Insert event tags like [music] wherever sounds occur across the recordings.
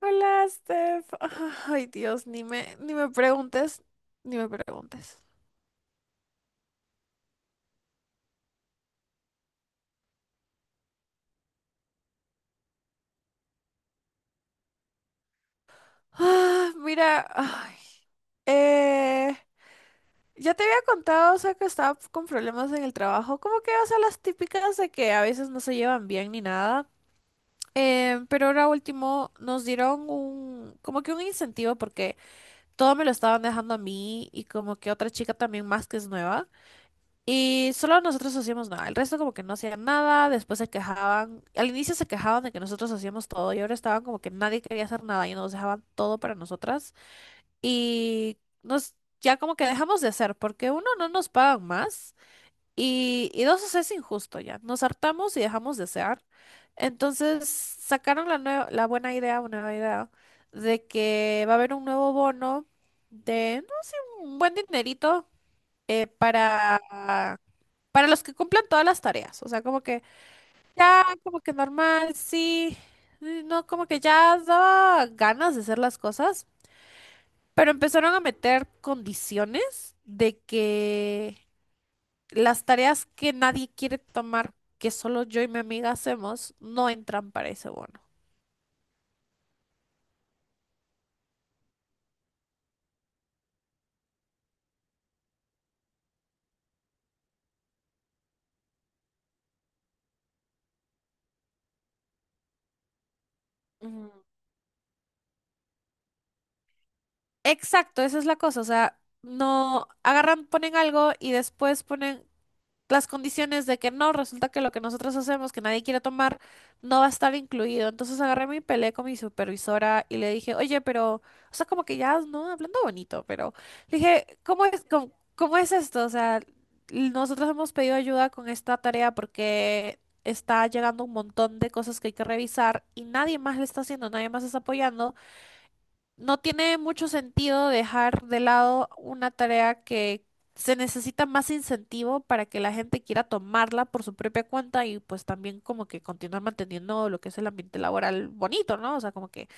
Hola, Steph. [laughs] Ay, Dios, ni me preguntes, ni me preguntes. Ah, mira, ay, eh, ya te había contado, o sea, que estaba con problemas en el trabajo, como que, o sea, las típicas de que a veces no se llevan bien ni nada. Pero ahora último nos dieron un, como que un incentivo porque todo me lo estaban dejando a mí y como que otra chica también más que es nueva. Y solo nosotros hacíamos nada, el resto como que no hacían nada, después se quejaban, al inicio se quejaban de que nosotros hacíamos todo y ahora estaban como que nadie quería hacer nada y nos dejaban todo para nosotras y nos ya como que dejamos de hacer porque uno no nos pagan más y dos, o sea, es injusto ya, nos hartamos y dejamos de hacer. Entonces sacaron la buena idea, una nueva idea de que va a haber un nuevo bono de, no sé, un buen dinerito, para los que cumplen todas las tareas, o sea, como que ya, como que normal, sí, no, como que ya daba ganas de hacer las cosas, pero empezaron a meter condiciones de que las tareas que nadie quiere tomar, que solo yo y mi amiga hacemos, no entran para ese bono. Mm. Exacto, esa es la cosa, o sea, no agarran, ponen algo y después ponen las condiciones de que no, resulta que lo que nosotros hacemos, que nadie quiere tomar, no va a estar incluido. Entonces agarré mi peleé con mi supervisora y le dije, oye, pero, o sea, como que ya, ¿no? Hablando bonito, pero le dije, ¿cómo es, cómo es esto? O sea, nosotros hemos pedido ayuda con esta tarea porque está llegando un montón de cosas que hay que revisar y nadie más le está haciendo, nadie más está apoyando. No tiene mucho sentido dejar de lado una tarea que se necesita más incentivo para que la gente quiera tomarla por su propia cuenta y pues también como que continuar manteniendo lo que es el ambiente laboral bonito, ¿no? O sea, como que,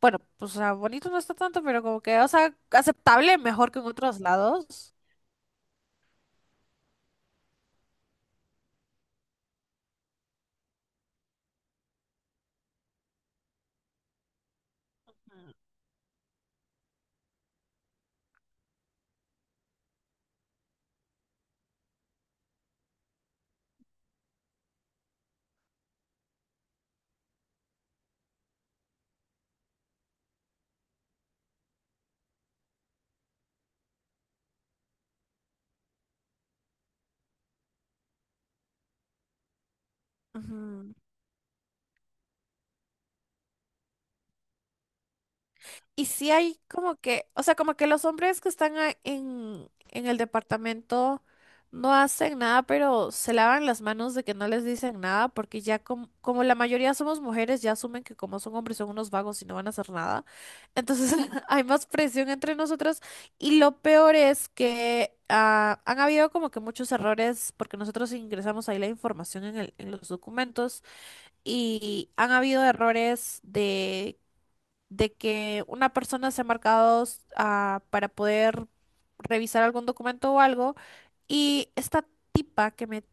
bueno, pues o sea, bonito no está tanto, pero como que, o sea, aceptable, mejor que en otros lados. Ujú. Y si hay como que, o sea, como que los hombres que están en el departamento no hacen nada, pero se lavan las manos de que no les dicen nada, porque ya como la mayoría somos mujeres, ya asumen que como son hombres son unos vagos y no van a hacer nada. Entonces [laughs] hay más presión entre nosotros. Y lo peor es que han habido como que muchos errores, porque nosotros ingresamos ahí la información en en los documentos y han habido errores de que una persona se ha marcado, para poder revisar algún documento o algo, y esta tipa que me,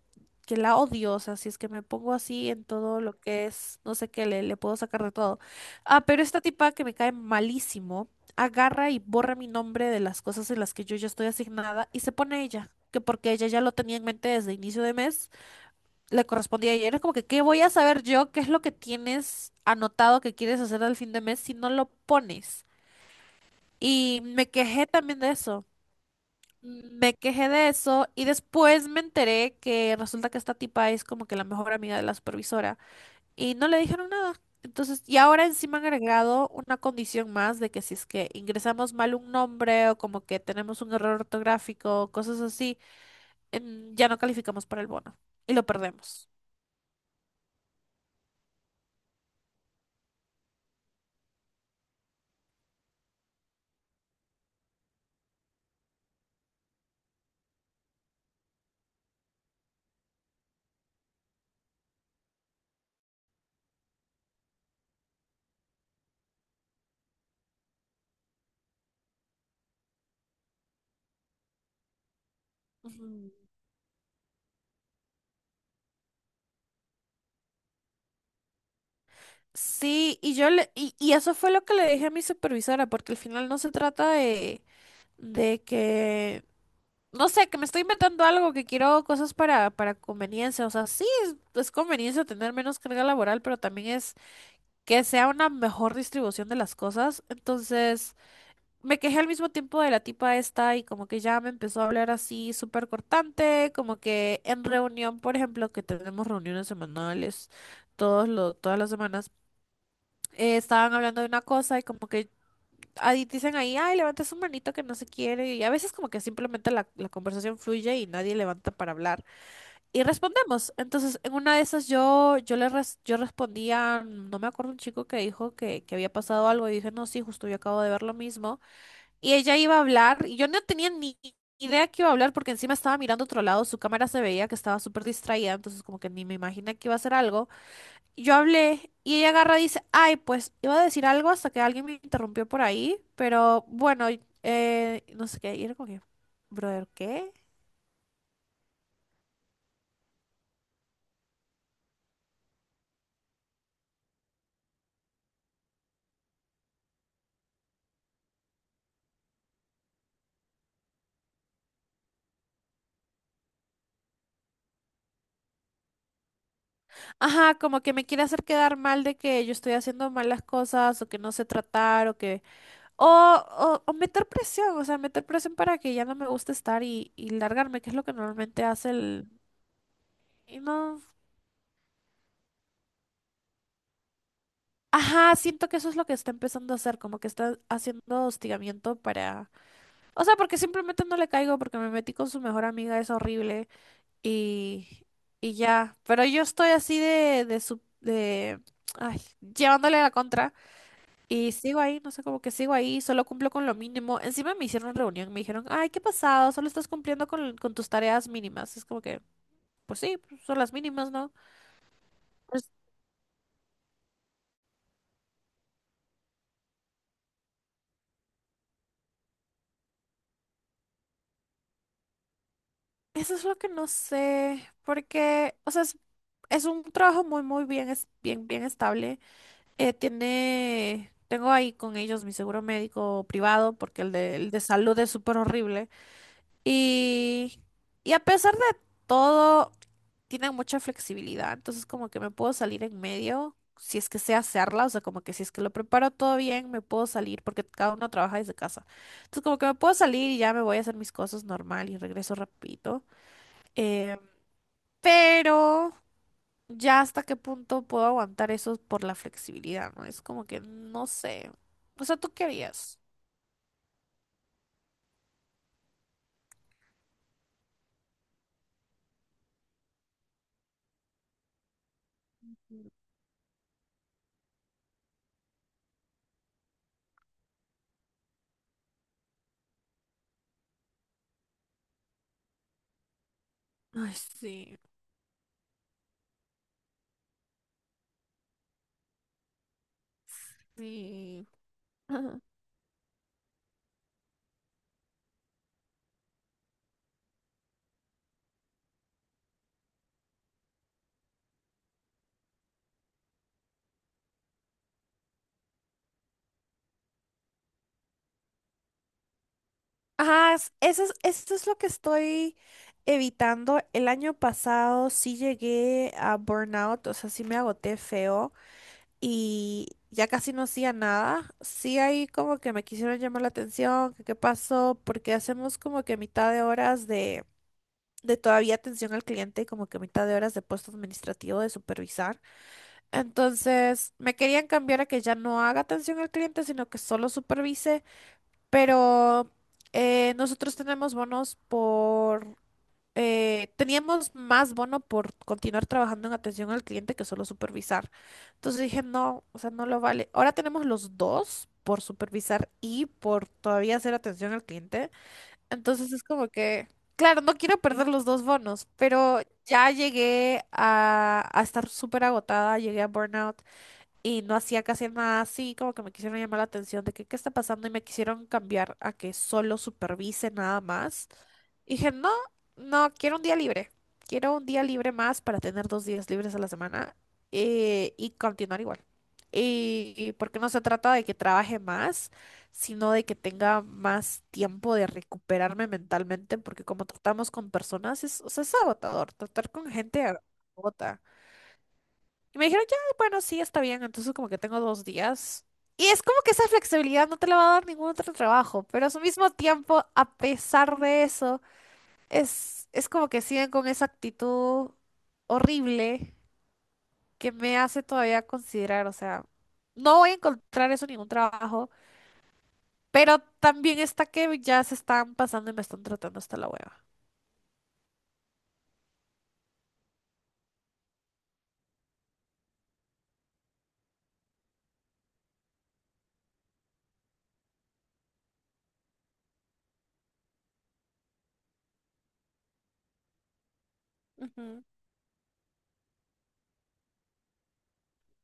que la odio, o sea, si es que me pongo así en todo lo que es, no sé qué, le puedo sacar de todo. Ah, pero esta tipa que me cae malísimo, agarra y borra mi nombre de las cosas en las que yo ya estoy asignada y se pone ella, que porque ella ya lo tenía en mente desde inicio de mes le correspondía ayer. Es como que, ¿qué voy a saber yo qué es lo que tienes anotado que quieres hacer al fin de mes si no lo pones? Y me quejé también de eso. Me quejé de eso y después me enteré que resulta que esta tipa es como que la mejor amiga de la supervisora y no le dijeron nada. Entonces, y ahora encima han agregado una condición más de que si es que ingresamos mal un nombre o como que tenemos un error ortográfico, cosas así, ya no calificamos para el bono y lo perdemos. Ujú. Sí, y yo le, y eso fue lo que le dije a mi supervisora, porque al final no se trata de que, no sé, que me estoy inventando algo, que quiero cosas para conveniencia. O sea, sí, es conveniencia tener menos carga laboral, pero también es que sea una mejor distribución de las cosas. Entonces, me quejé al mismo tiempo de la tipa esta y como que ya me empezó a hablar así súper cortante, como que en reunión, por ejemplo, que tenemos reuniones semanales todas las semanas, estaban hablando de una cosa y como que ahí dicen ahí, ay, levanta su manito que no se quiere. Y a veces como que simplemente la conversación fluye y nadie levanta para hablar. Y respondemos. Entonces, en una de esas yo, yo respondía, no me acuerdo un chico que dijo que había pasado algo y dije, no, sí, justo yo acabo de ver lo mismo. Y ella iba a hablar y yo no tenía ni idea que iba a hablar porque encima estaba mirando otro lado, su cámara se veía que estaba súper distraída, entonces como que ni me imaginé que iba a hacer algo. Yo hablé y ella agarra y dice, ay, pues iba a decir algo hasta que alguien me interrumpió por ahí, pero bueno, no sé qué, y era como que, brother, ¿qué? Ajá, como que me quiere hacer quedar mal de que yo estoy haciendo mal las cosas o que no sé tratar o que... O, o meter presión, o sea, meter presión para que ya no me guste estar y largarme, que es lo que normalmente hace el... Y no... Ajá, siento que eso es lo que está empezando a hacer, como que está haciendo hostigamiento para... O sea, porque simplemente no le caigo porque me metí con su mejor amiga, es horrible. Y, y ya. Pero yo estoy así de su, de, ay, llevándole la contra. Y sigo ahí, no sé, como que sigo ahí, solo cumplo con lo mínimo. Encima me hicieron reunión, me dijeron, ay, qué pasado, solo estás cumpliendo con tus tareas mínimas. Es como que, pues sí, pues son las mínimas, ¿no? Pues eso es lo que no sé, porque, o sea, es un trabajo muy, muy bien, es bien, bien estable. Tiene, tengo ahí con ellos mi seguro médico privado porque el de salud es súper horrible. Y, y a pesar de todo, tienen mucha flexibilidad. Entonces como que me puedo salir en medio, si es que sé hacerla, o sea, como que si es que lo preparo todo bien, me puedo salir porque cada uno trabaja desde casa. Entonces como que me puedo salir y ya me voy a hacer mis cosas normal y regreso rapidito. Eh, pero ya hasta qué punto puedo aguantar eso por la flexibilidad, ¿no? Es como que no sé. O sea, ¿tú qué harías? Ay, sí, sí. [laughs] Ajá, eso es lo que estoy evitando. El año pasado sí llegué a burnout, o sea, sí me agoté feo y ya casi no hacía nada. Sí ahí como que me quisieron llamar la atención, que qué pasó, porque hacemos como que mitad de horas de todavía atención al cliente, como que mitad de horas de puesto administrativo de supervisar. Entonces, me querían cambiar a que ya no haga atención al cliente, sino que solo supervise, pero nosotros tenemos bonos por... Teníamos más bono por continuar trabajando en atención al cliente que solo supervisar. Entonces dije, no, o sea, no lo vale. Ahora tenemos los dos por supervisar y por todavía hacer atención al cliente. Entonces es como que, claro, no quiero perder los dos bonos, pero ya llegué a estar súper agotada, llegué a burnout y no hacía casi nada así, como que me quisieron llamar la atención de que qué está pasando y me quisieron cambiar a que solo supervise nada más. Y dije, no, no, quiero un día libre, quiero un día libre más para tener dos días libres a la semana, y continuar igual. Y porque no se trata de que trabaje más, sino de que tenga más tiempo de recuperarme mentalmente, porque como tratamos con personas, es, o sea, es agotador, tratar con gente agota. Y me dijeron, ya, bueno, sí, está bien. Entonces como que tengo dos días. Y es como que esa flexibilidad no te la va a dar ningún otro trabajo, pero a su mismo tiempo, a pesar de eso, es como que siguen con esa actitud horrible que me hace todavía considerar, o sea, no voy a encontrar eso en ningún trabajo, pero también está que ya se están pasando y me están tratando hasta la hueva. Ujú.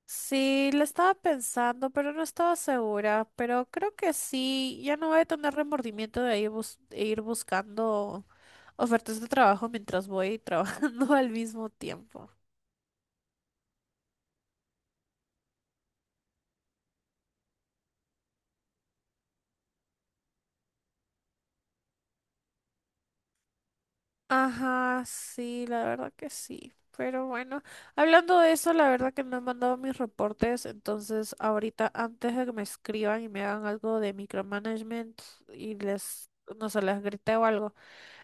Sí, lo estaba pensando, pero no estaba segura. Pero creo que sí, ya no voy a tener remordimiento de ir, de ir buscando ofertas de trabajo mientras voy trabajando [laughs] al mismo tiempo. Ajá, sí, la verdad que sí. Pero bueno, hablando de eso, la verdad que no he mandado mis reportes, entonces ahorita antes de que me escriban y me hagan algo de micromanagement y les, no sé, les grité o algo.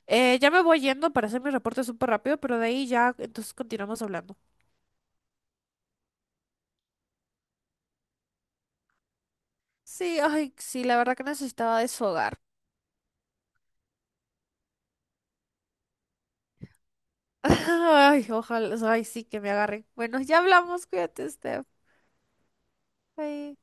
Ya me voy yendo para hacer mi reporte súper rápido, pero de ahí ya, entonces continuamos hablando. Sí, ay, sí, la verdad que necesitaba desfogar. [laughs] Ay, ojalá, ay, sí, que me agarren. Bueno, ya hablamos, cuídate, Steph. Bye.